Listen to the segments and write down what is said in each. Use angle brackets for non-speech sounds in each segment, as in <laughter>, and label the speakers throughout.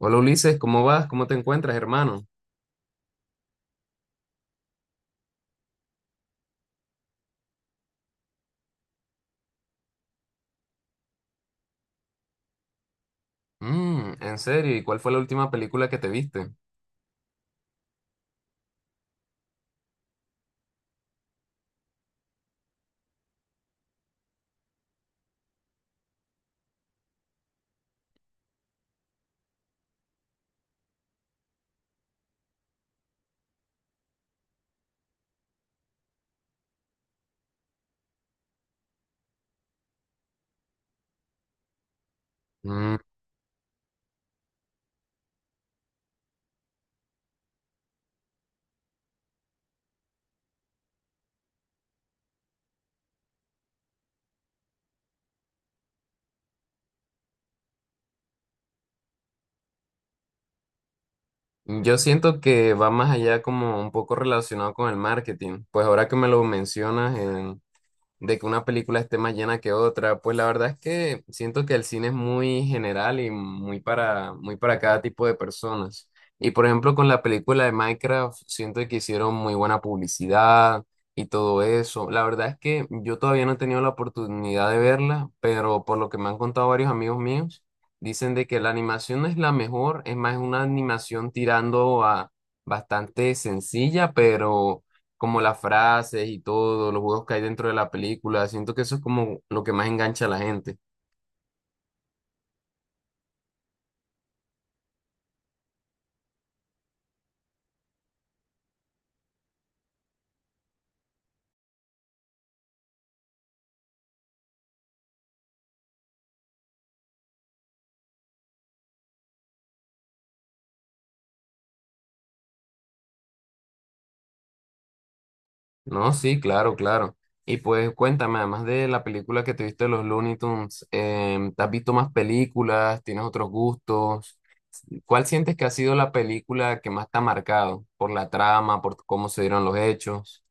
Speaker 1: Hola Ulises, ¿cómo vas? ¿Cómo te encuentras, hermano? En serio, ¿y cuál fue la última película que te viste? Mm, yo siento que va más allá, como un poco relacionado con el marketing. Pues ahora que me lo mencionas, de que una película esté más llena que otra. Pues la verdad es que siento que el cine es muy general y muy para cada tipo de personas. Y por ejemplo, con la película de Minecraft, siento que hicieron muy buena publicidad y todo eso. La verdad es que yo todavía no he tenido la oportunidad de verla, pero por lo que me han contado varios amigos míos, dicen de que la animación no es la mejor, es más una animación tirando a bastante sencilla, pero como las frases y todo, los juegos que hay dentro de la película. Siento que eso es como lo que más engancha a la gente. No, sí, claro, claro. Y pues cuéntame, además de la película que te viste de los Looney Tunes, ¿te has visto más películas? ¿Tienes otros gustos? ¿Cuál sientes que ha sido la película que más te ha marcado? ¿Por la trama, por cómo se dieron los hechos?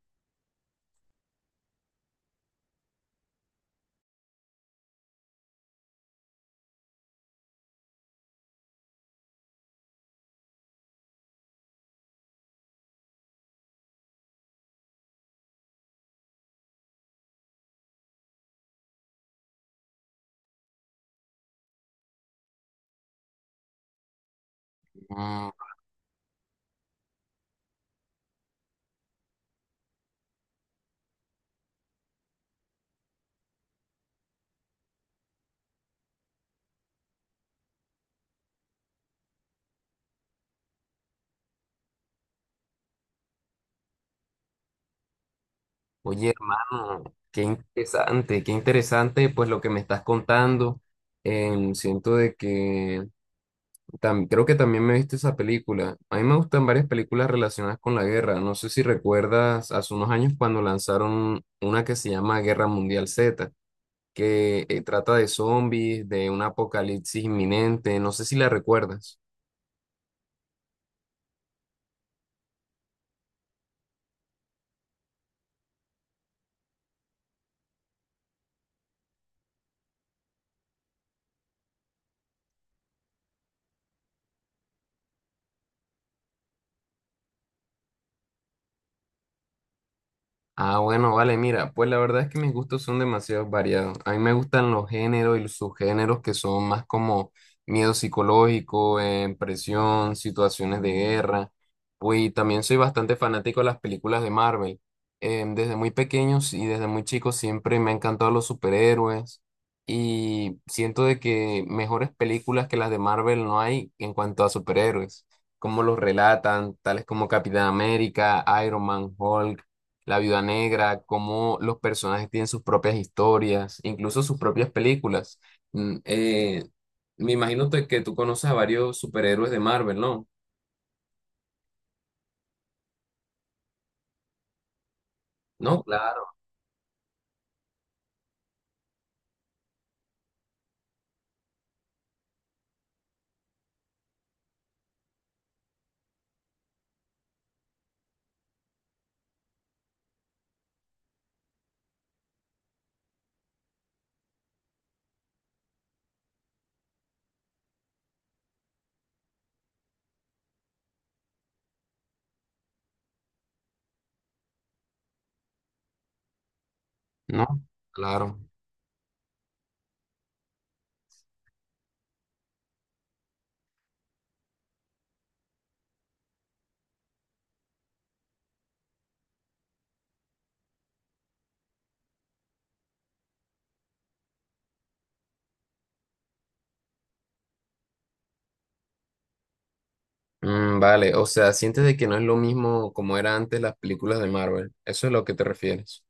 Speaker 1: Mm, Oye, hermano, qué interesante pues lo que me estás contando. Siento de que creo que también me viste esa película. A mí me gustan varias películas relacionadas con la guerra. No sé si recuerdas hace unos años cuando lanzaron una que se llama Guerra Mundial Z, que trata de zombies, de un apocalipsis inminente. No sé si la recuerdas. Ah, bueno, vale, mira, pues la verdad es que mis gustos son demasiado variados. A mí me gustan los géneros y los subgéneros que son más como miedo psicológico, presión, situaciones de guerra. Pues y también soy bastante fanático de las películas de Marvel. Desde muy pequeños y desde muy chicos siempre me han encantado los superhéroes, y siento de que mejores películas que las de Marvel no hay en cuanto a superhéroes. Cómo los relatan, tales como Capitán América, Iron Man, Hulk. La Viuda Negra, cómo los personajes tienen sus propias historias, incluso sus propias películas. Mm, eh, Me imagino que tú conoces a varios superhéroes de Marvel, ¿no? ¿No? Claro. No, claro. Vale, o sea, sientes de que no es lo mismo como era antes las películas de Marvel. Eso es lo que te refieres.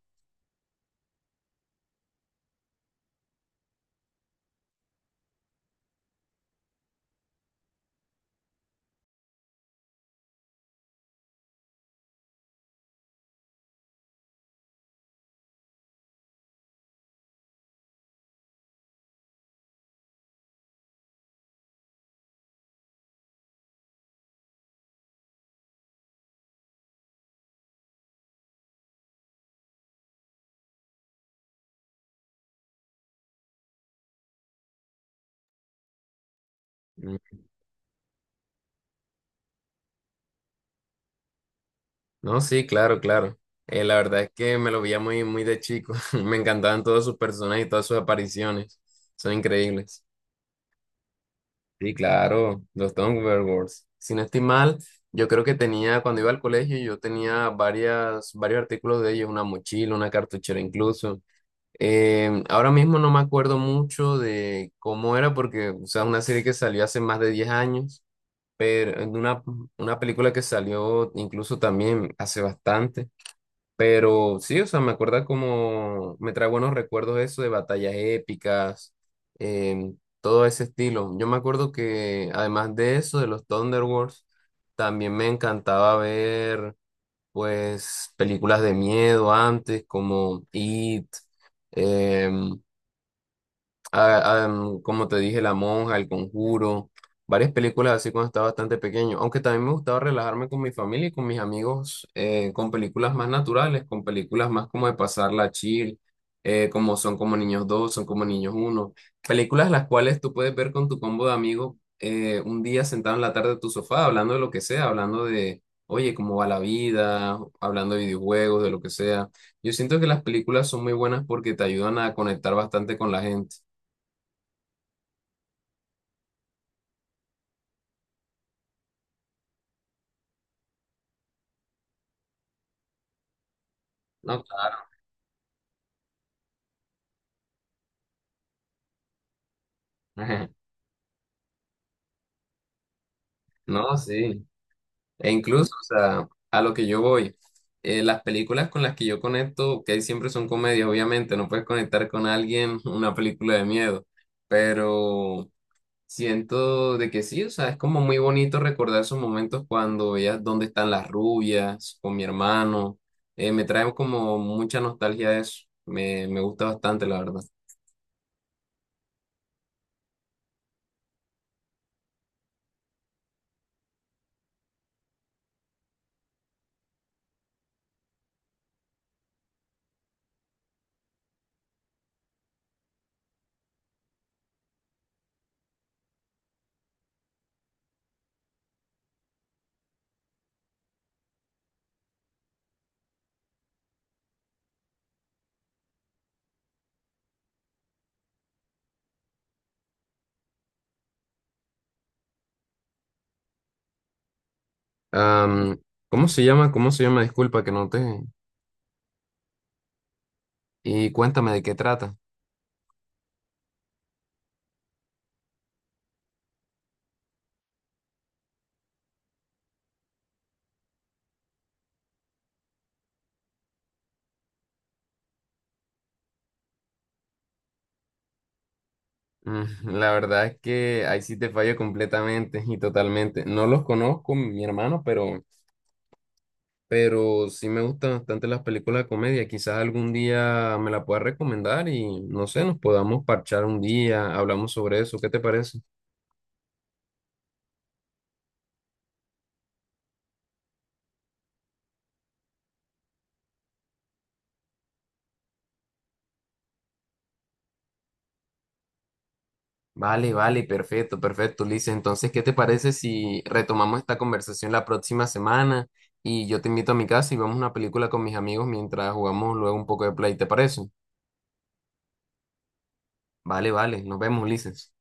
Speaker 1: Mm. No, sí, claro, claro. La verdad es que me lo veía muy, muy de chico. <laughs> Me encantaban todos sus personajes y todas sus apariciones. Son increíbles. Sí, claro, los Thunderbirds. Si no estoy mal, yo creo que tenía, cuando iba al colegio, yo tenía varias, varios artículos de ellos, una mochila, una cartuchera incluso. Ahora mismo no me acuerdo mucho de cómo era, porque, o sea, una serie que salió hace más de 10 años, pero en una, película que salió incluso también hace bastante. Pero sí, o sea, me acuerda como, me trae buenos recuerdos eso de batallas épicas, todo ese estilo. Yo me acuerdo que además de eso, de los Thunder Wars, también me encantaba ver, pues, películas de miedo antes, como It, em, como te dije, La Monja, El Conjuro, varias películas así cuando estaba bastante pequeño, aunque también me gustaba relajarme con mi familia y con mis amigos, con películas más naturales, con películas más como de pasarla chill, como Son como Niños 2, Son como Niños uno, películas las cuales tú puedes ver con tu combo de amigos, un día sentado en la tarde de tu sofá, hablando de lo que sea, hablando de, oye, cómo va la vida, hablando de videojuegos, de lo que sea. Yo siento que las películas son muy buenas porque te ayudan a conectar bastante con la gente. No, claro. <laughs> No, sí. E incluso, o sea, a lo que yo voy, las películas con las que yo conecto, que siempre son comedias, obviamente, no puedes conectar con alguien <laughs> una película de miedo, pero siento de que sí, o sea, es como muy bonito recordar esos momentos cuando veías Dónde Están las Rubias, con mi hermano, me trae como mucha nostalgia eso, me gusta bastante, la verdad. Am, ¿Cómo se llama? ¿Cómo se llama? Disculpa que no te... Y cuéntame de qué trata. Mm, La verdad es que ahí sí te fallo completamente y totalmente. No los conozco, mi hermano, pero sí me gustan bastante las películas de comedia. Quizás algún día me la puedas recomendar y no sé, nos podamos parchar un día, hablamos sobre eso. ¿Qué te parece? Vale, vale, perfecto, perfecto, Ulises. Entonces, ¿qué te parece si retomamos esta conversación la próxima semana y yo te invito a mi casa y vemos una película con mis amigos mientras jugamos luego un poco de play? ¿Te parece? Vale, vale, nos vemos, Ulises.